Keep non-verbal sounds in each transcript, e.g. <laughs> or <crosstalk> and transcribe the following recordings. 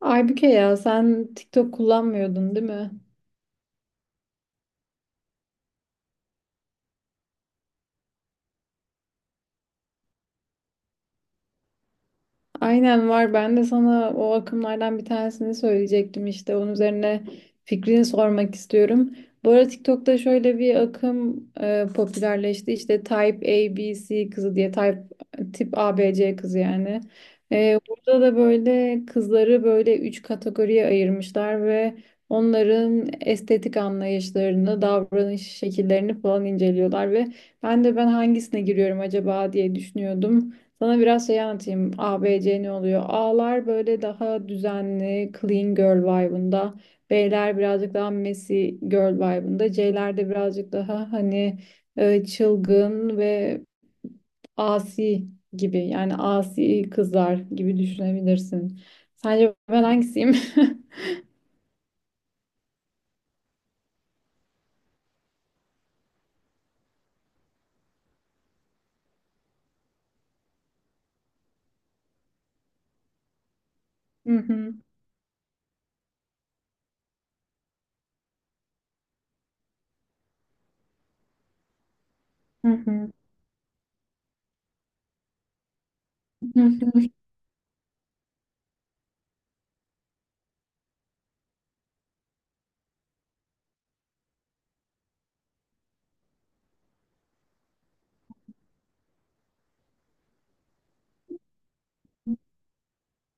Aybüke ya sen TikTok kullanmıyordun değil mi? Aynen var. Ben de sana o akımlardan bir tanesini söyleyecektim işte. Onun üzerine fikrini sormak istiyorum. Bu ara TikTok'ta şöyle bir akım popülerleşti. İşte Type A, B, C kızı diye. Type, tip A, B, C kızı yani. Burada da böyle kızları böyle üç kategoriye ayırmışlar ve onların estetik anlayışlarını, davranış şekillerini falan inceliyorlar ve ben hangisine giriyorum acaba diye düşünüyordum. Sana biraz şey anlatayım. A, B, C ne oluyor? A'lar böyle daha düzenli, clean girl vibe'ında. B'ler birazcık daha messy girl vibe'ında. C'ler de birazcık daha hani çılgın ve asi gibi. Yani asi kızlar gibi düşünebilirsin. Sence ben hangisiyim? <laughs> Hı hı, hı hı, hı hı.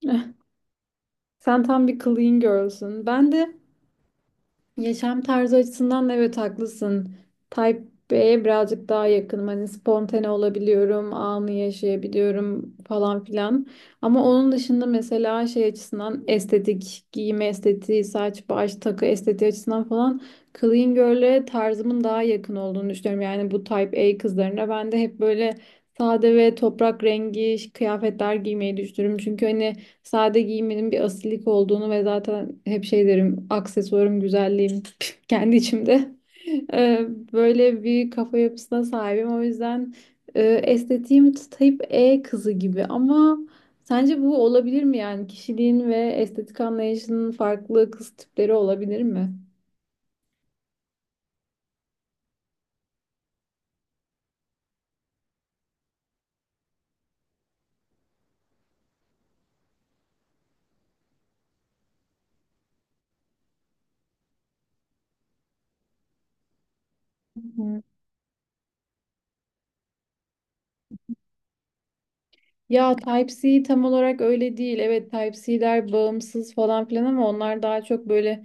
<laughs> Sen tam bir clean girl'sün. Ben de Yaşam tarzı açısından da evet haklısın. Type B'ye birazcık daha yakınım. Hani spontane olabiliyorum, anı yaşayabiliyorum falan filan. Ama onun dışında mesela şey açısından estetik, giyim estetiği, saç, baş, takı estetiği açısından falan clean girl'e tarzımın daha yakın olduğunu düşünüyorum. Yani bu Type A kızlarına ben de hep böyle sade ve toprak rengi kıyafetler giymeyi düşünüyorum. Çünkü hani sade giymenin bir asilik olduğunu ve zaten hep şey derim, aksesuarım güzelliğim <laughs> kendi içimde. Ee, böyle bir kafa yapısına sahibim. O yüzden estetiğim type E kızı gibi, ama sence bu olabilir mi? Yani kişiliğin ve estetik anlayışının farklı kız tipleri olabilir mi? Hı. Ya Type C tam olarak öyle değil. Evet Type C'ler bağımsız falan filan, ama onlar daha çok böyle.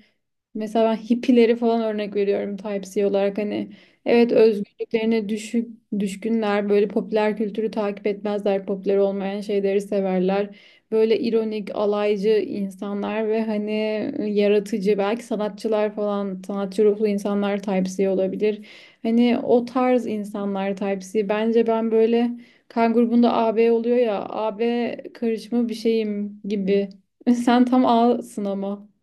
Mesela ben hippileri falan örnek veriyorum Type-C olarak. Hani evet özgürlüklerine düşkünler, böyle popüler kültürü takip etmezler, popüler olmayan şeyleri severler, böyle ironik, alaycı insanlar. Ve hani yaratıcı, belki sanatçılar falan, sanatçı ruhlu insanlar Type-C olabilir. Hani o tarz insanlar Type-C. Bence ben böyle kan grubunda AB oluyor ya, AB karışımı bir şeyim gibi. <laughs> Sen tam A'sın ama.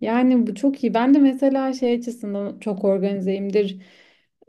Yani bu çok iyi. Ben de mesela şey açısından çok organizeyimdir.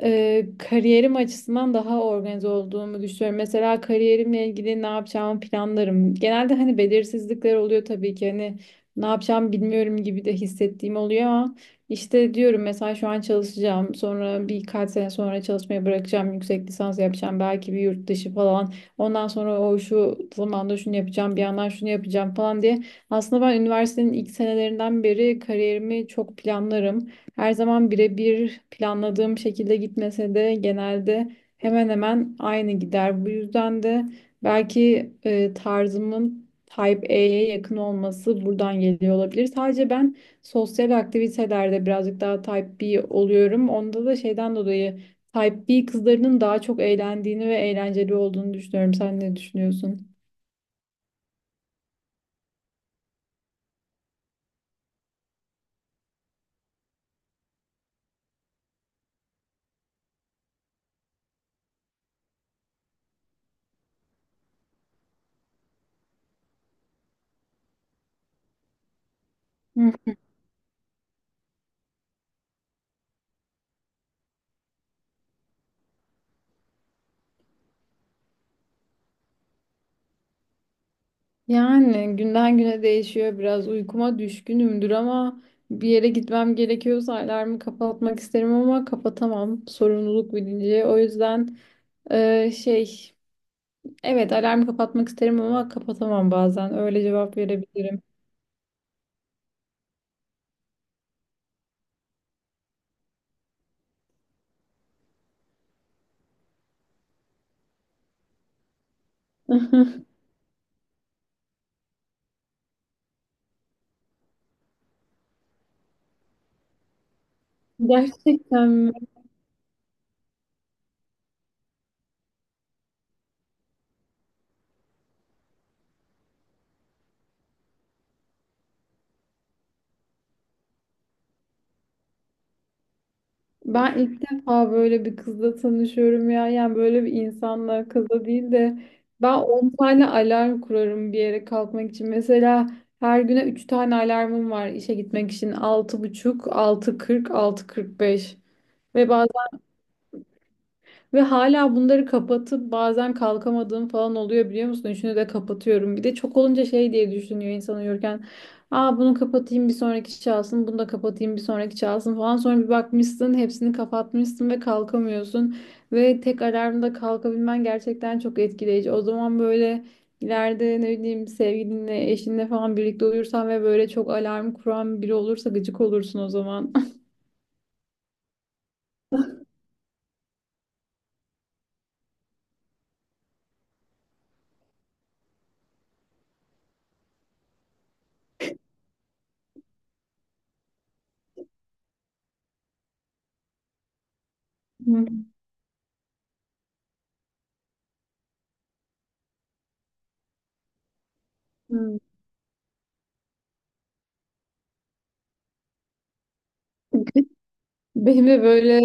Kariyerim açısından daha organize olduğumu düşünüyorum. Mesela kariyerimle ilgili ne yapacağımı planlarım. Genelde hani belirsizlikler oluyor tabii ki. Hani ne yapacağımı bilmiyorum gibi de hissettiğim oluyor, ama işte diyorum, mesela şu an çalışacağım. Sonra birkaç sene sonra çalışmaya bırakacağım. Yüksek lisans yapacağım. Belki bir yurt dışı falan. Ondan sonra o şu zamanda şunu yapacağım. Bir yandan şunu yapacağım falan diye aslında ben üniversitenin ilk senelerinden beri kariyerimi çok planlarım. Her zaman birebir planladığım şekilde gitmese de genelde hemen hemen aynı gider. Bu yüzden de belki tarzımın Type A'ye yakın olması buradan geliyor olabilir. Sadece ben sosyal aktivitelerde birazcık daha Type B oluyorum. Onda da şeyden dolayı Type B kızlarının daha çok eğlendiğini ve eğlenceli olduğunu düşünüyorum. Sen ne düşünüyorsun? Yani günden güne değişiyor. Biraz uykuma düşkünümdür, ama bir yere gitmem gerekiyorsa alarmı kapatmak isterim, ama kapatamam. Sorumluluk bilinci. O yüzden e, şey evet, alarmı kapatmak isterim ama kapatamam bazen. Öyle cevap verebilirim. <laughs> Gerçekten mi? Ben ilk defa böyle bir kızla tanışıyorum ya. Yani böyle bir insanla, kızla değil de ben 10 tane alarm kurarım bir yere kalkmak için. Mesela her güne 3 tane alarmım var işe gitmek için. 6.00, 6.30, 6.40, 6.45 ve bazen hala bunları kapatıp bazen kalkamadığım falan oluyor, biliyor musun? Üçünü de kapatıyorum. Bir de çok olunca şey diye düşünüyor insan uyurken. Aa, bunu kapatayım bir sonraki çalsın. Bunu da kapatayım bir sonraki çalsın falan. Sonra bir bakmışsın hepsini kapatmışsın ve kalkamıyorsun. Ve tek alarmda kalkabilmen gerçekten çok etkileyici. O zaman böyle ileride, ne bileyim, sevgilinle, eşinle falan birlikte uyursan ve böyle çok alarm kuran biri olursa gıcık olursun o zaman. <laughs> Hı. Hmm. Benim de böyle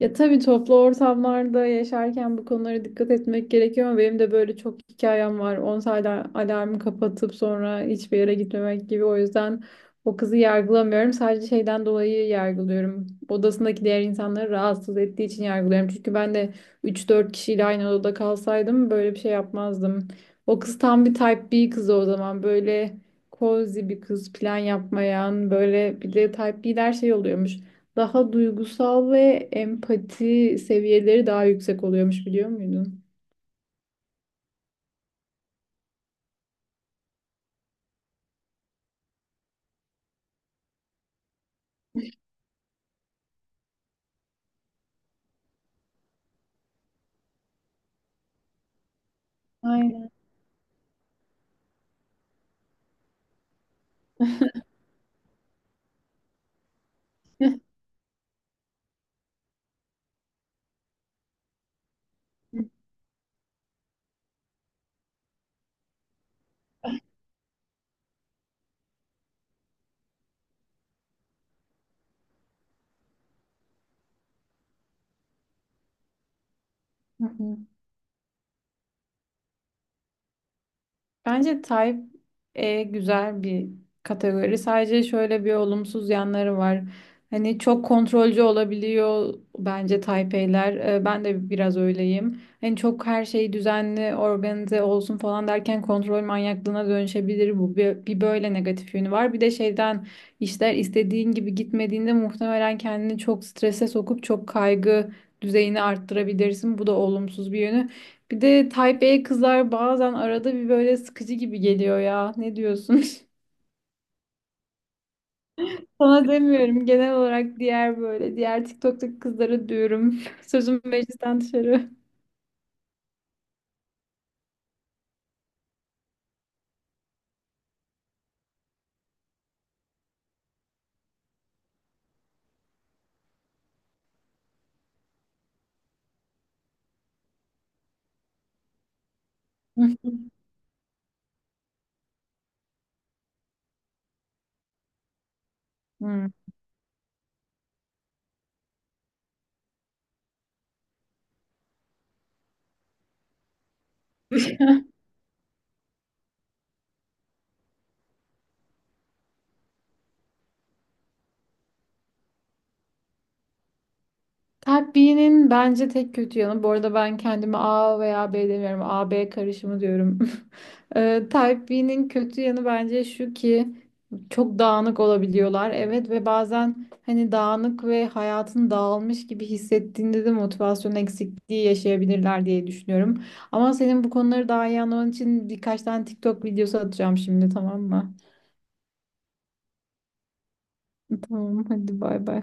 Ya tabii, toplu ortamlarda yaşarken bu konulara dikkat etmek gerekiyor, ama benim de böyle çok hikayem var. 10 sayda alarmı kapatıp sonra hiçbir yere gitmemek gibi. O yüzden o kızı yargılamıyorum. Sadece şeyden dolayı yargılıyorum. Odasındaki diğer insanları rahatsız ettiği için yargılıyorum. Çünkü ben de 3-4 kişiyle aynı odada kalsaydım böyle bir şey yapmazdım. O kız tam bir type B kızı o zaman. Böyle cozy bir kız, plan yapmayan. Böyle bir de type B'ler şey oluyormuş, daha duygusal ve empati seviyeleri daha yüksek oluyormuş, biliyor muydun? Aynen. <laughs> Bence Type E güzel bir kategori. Sadece şöyle bir olumsuz yanları var. Hani çok kontrolcü olabiliyor bence Type E'ler. Ben de biraz öyleyim. Hani çok her şey düzenli, organize olsun falan derken kontrol manyaklığına dönüşebilir bu. Bir böyle negatif yönü var. Bir de şeyden, işler istediğin gibi gitmediğinde muhtemelen kendini çok strese sokup çok kaygı düzeyini arttırabilirsin. Bu da olumsuz bir yönü. Bir de Taipei kızlar bazen arada bir böyle sıkıcı gibi geliyor ya. Ne diyorsun? <laughs> Sana demiyorum. Genel olarak diğer, böyle diğer TikTok'taki kızlara diyorum. <laughs> Sözüm meclisten dışarı. <laughs> Hmm. Kalp B'nin bence tek kötü yanı. Bu arada ben kendime A veya B demiyorum. A-B karışımı diyorum. <laughs> Type B'nin kötü yanı bence şu ki çok dağınık olabiliyorlar. Evet, ve bazen hani dağınık ve hayatın dağılmış gibi hissettiğinde de motivasyon eksikliği yaşayabilirler diye düşünüyorum. Ama senin bu konuları daha iyi anlaman için birkaç tane TikTok videosu atacağım şimdi, tamam mı? Tamam, hadi bay bay.